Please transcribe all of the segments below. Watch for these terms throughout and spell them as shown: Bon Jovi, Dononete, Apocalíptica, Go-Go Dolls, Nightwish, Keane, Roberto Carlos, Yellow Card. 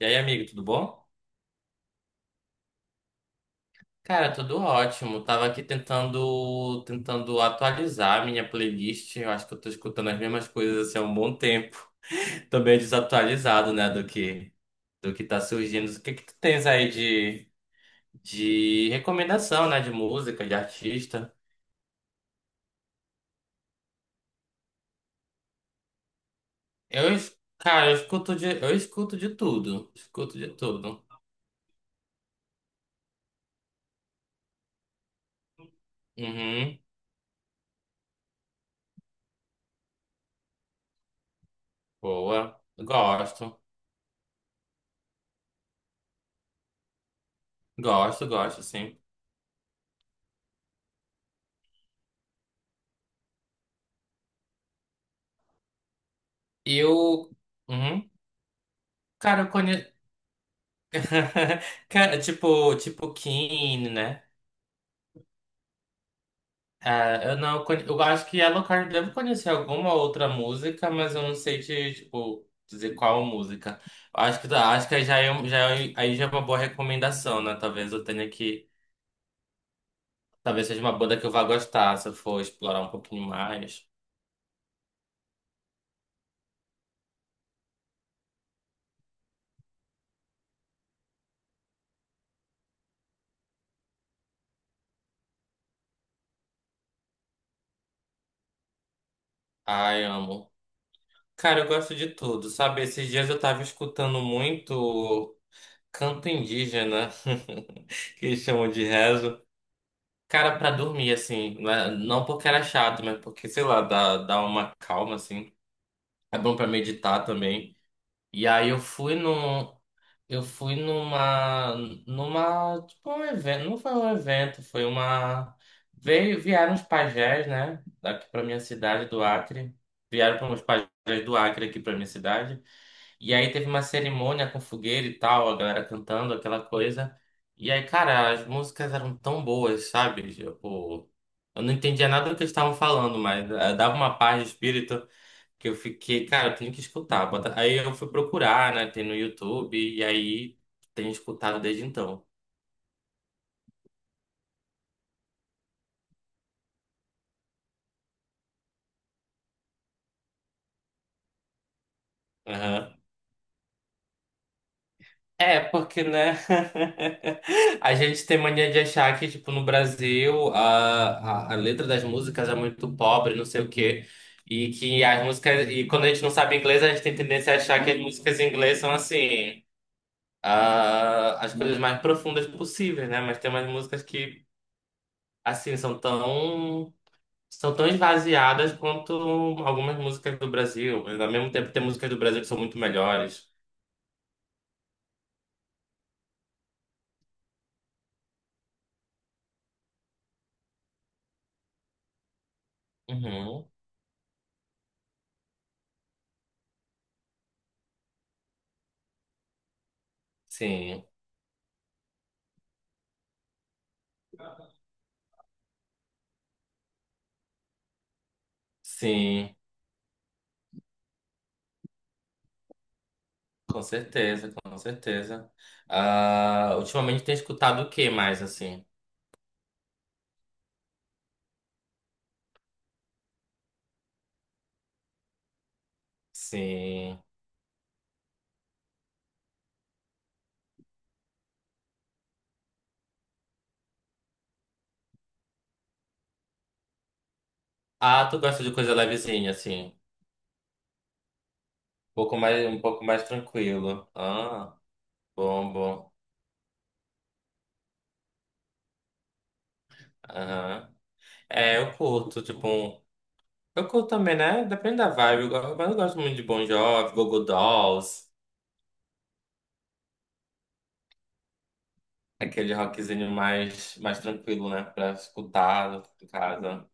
E aí, amigo, tudo bom? Cara, tudo ótimo. Tava aqui tentando atualizar a minha playlist. Eu acho que eu tô escutando as mesmas coisas assim, há um bom tempo. Também é desatualizado, né, do que tá surgindo. O que que tu tens aí de recomendação, né, de música, de artista? Cara, eu escuto de tudo. Escuto de tudo. Uhum. Boa. Gosto. Gosto, gosto, sim. Eu, uhum. Cara, eu conheço. Cara, tipo Keane, né? Ah, eu não, con- eu acho que Yellow Card deve conhecer alguma outra música, mas eu não sei te, tipo, dizer qual música. Acho que já é uma boa recomendação, né? Talvez seja uma banda que eu vá gostar se eu for explorar um pouquinho mais. Ai, amo. Cara, eu gosto de tudo, sabe? Esses dias eu tava escutando muito canto indígena, que chamam de rezo. Cara, pra dormir, assim, não porque era chato, mas porque, sei lá, dá uma calma, assim. É bom pra meditar também. E aí eu fui num. Eu fui numa. Numa. Tipo, um evento. Não foi um evento, foi uma. Vieram os pajés, né? Daqui pra minha cidade, do Acre. Vieram para os pajés do Acre aqui pra minha cidade. E aí teve uma cerimônia com fogueira e tal, a galera cantando aquela coisa. E aí, cara, as músicas eram tão boas, sabe? Tipo, eu não entendia nada do que eles estavam falando, mas dava uma paz de espírito que eu fiquei, cara, eu tenho que escutar. Aí eu fui procurar, né? Tem no YouTube, e aí tenho escutado desde então. É, porque, né? A gente tem mania de achar que, tipo, no Brasil a letra das músicas é muito pobre, não sei o quê. E que as músicas. E quando a gente não sabe inglês, a gente tem tendência a achar que as músicas em inglês são assim, ah, as coisas mais profundas possíveis, né? Mas tem umas músicas que, assim, São tão esvaziadas quanto algumas músicas do Brasil. Mas ao mesmo tempo tem músicas do Brasil que são muito melhores. Uhum. Sim, sim. Com certeza, com certeza. Ah, ultimamente tem escutado o que mais, assim? Sim. Ah, tu gosta de coisa levezinha, assim. Um pouco mais tranquilo. Ah, bom, bom. Aham. É, eu curto, tipo, um... Eu curto também, né? Depende da vibe. Mas eu gosto muito de Bon Jovi, Go-Go Dolls. Aquele rockzinho mais tranquilo, né? Pra escutar em casa.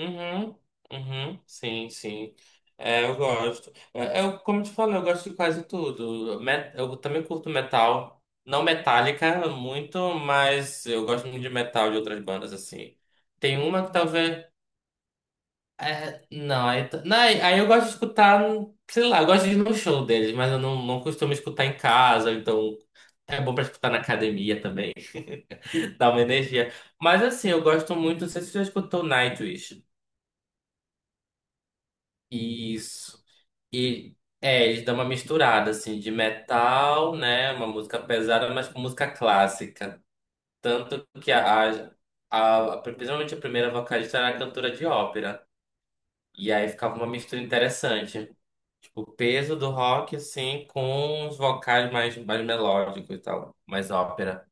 Uhum, uhum, sim, sim. É, eu gosto. É, como eu te falei, eu gosto de quase tudo. Eu também curto metal, não metálica muito, mas eu gosto muito de metal de outras bandas assim. Tem uma que talvez. É, não, aí, t- não, aí aí eu gosto de escutar, sei lá, eu gosto de ir no show deles, mas eu não costumo escutar em casa, então é bom pra escutar na academia também, dá uma energia. Mas assim, eu gosto muito, não sei se você já escutou Nightwish. Isso. E Eles dão uma misturada assim de metal, né? Uma música pesada, mas com música clássica. Tanto que principalmente a primeira vocalista era cantora de ópera. E aí ficava uma mistura interessante. Tipo, o peso do rock, assim, com os vocais mais melódicos e tal. Mais ópera.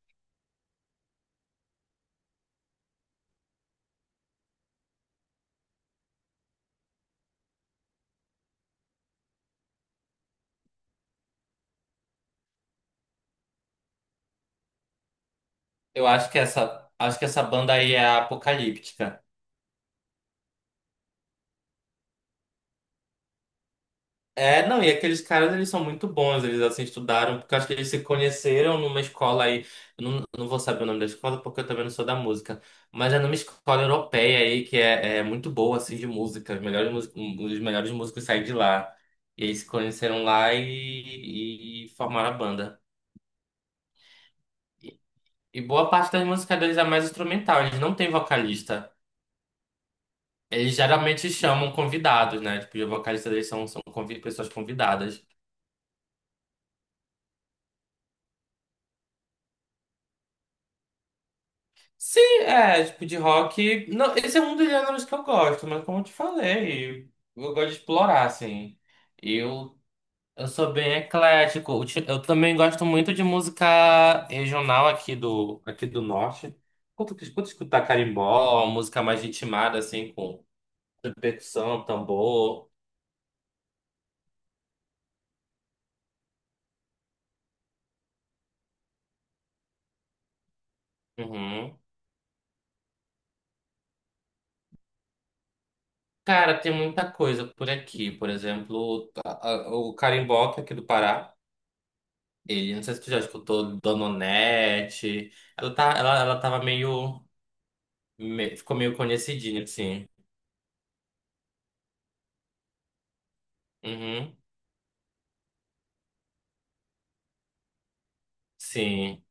Eu acho que essa banda aí é a Apocalíptica. É, não, e aqueles caras, eles são muito bons, eles assim estudaram, porque eu acho que eles se conheceram numa escola aí, eu não vou saber o nome da escola porque eu também não sou da música, mas é numa escola europeia aí que é muito boa, assim, de música, os melhores músicos saem de lá, e eles se conheceram lá e formaram a banda. E, e boa parte das músicas deles é mais instrumental, eles não têm vocalista, eles geralmente chamam convidados, né, tipo, os vocalistas deles são pessoas convidadas. Sim, é, tipo, de rock. Não, esse é um dos gêneros que eu gosto, mas como eu te falei, eu gosto de explorar, assim. Eu, eu sou bem eclético. Eu também gosto muito de música regional aqui do, norte. Quanto que escuto escutar carimbó, música mais ritmada, assim, com percussão, tambor. Uhum. Cara, tem muita coisa por aqui. Por exemplo, o carimbó, que é aqui do Pará. Ele, não sei se tu já escutou Dononete. Ela, tá, ela tava meio, me- Ficou meio conhecidinha, assim. Uhum. Sim.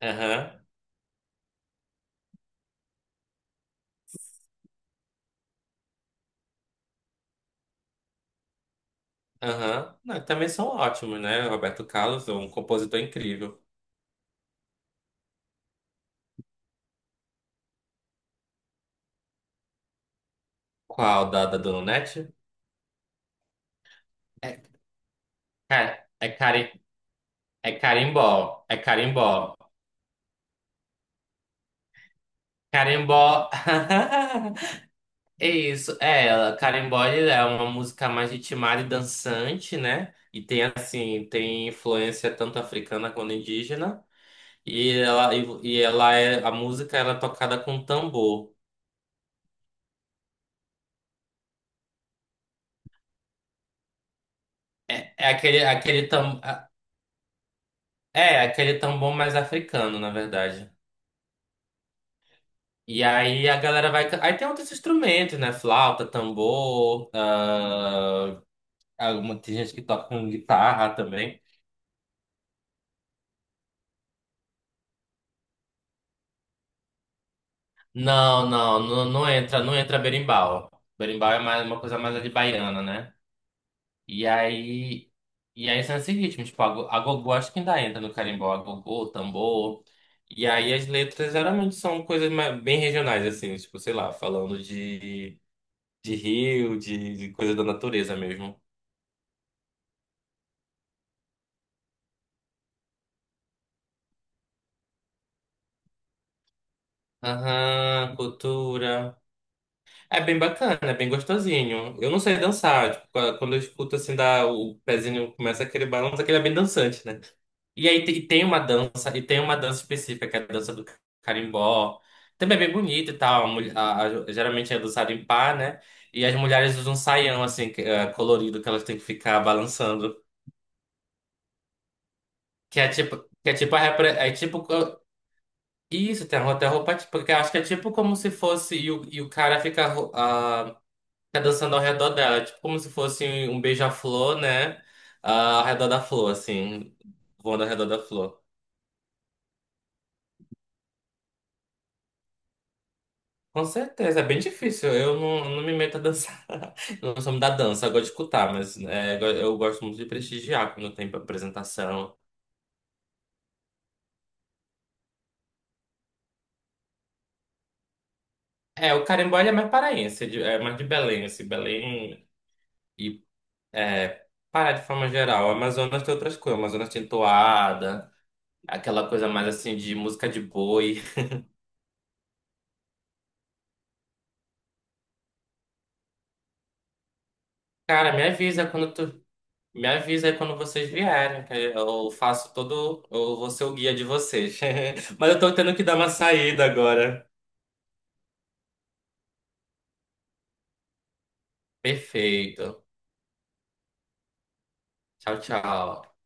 Aham. Aham. Não, também são ótimos, né? Roberto Carlos é um compositor incrível. Qual da Dononete? É, é, é, cari, é Carimbó. É Carimbó. Carimbó. É isso, é ela. Karen Boy é uma música mais ritmada e dançante, né? E tem assim, tem influência tanto africana quanto indígena. E ela é a música ela é tocada com tambor. É, é aquele aquele tam, é aquele tambor mais africano, na verdade. E aí a galera aí tem outros instrumentos, né? Flauta, tambor, alguma tem gente que toca com guitarra também. Não, não, não, não entra berimbau. Berimbau é mais, uma coisa mais ali baiana, né? E aí, e aí são esses ritmos, tipo, a gogó acho que ainda entra no carimbó, a gogô, tambor. E aí as letras geralmente são coisas bem regionais, assim, tipo, sei lá, falando de rio, de coisa da natureza mesmo. Aham, cultura. É bem bacana, é bem gostosinho. Eu não sei dançar, tipo, quando eu escuto assim, dá, o pezinho começa aquele balanço, aquele é bem dançante, né? E tem uma dança específica, que é a dança do carimbó. Também é bem bonita e tal. A mulher- a- geralmente é dançado em par, né? E as mulheres usam um saião, assim, colorido, que elas têm que ficar balançando. Que é tipo, que é tipo a repre- Isso, tem a roupa, que eu acho que é tipo como se fosse e o cara fica dançando ao redor dela, é tipo como se fosse um beija-flor, né? Ah, ao redor da flor, assim, voando ao redor da flor. Com certeza, é bem difícil. Eu não me meto a dançar. Não sou muito da dança, eu gosto de escutar, eu gosto muito de prestigiar quando tem apresentação. É, o carimbó ele é mais paraense, é mais de Belém, assim, Belém e é, Pará de forma geral. O Amazonas tem outras coisas, o Amazonas tem toada, aquela coisa mais assim de música de boi. Cara, me avisa aí quando vocês vierem, que eu faço todo. Eu vou ser o guia de vocês. Mas eu tô tendo que dar uma saída agora. Perfeito. Tchau, tchau.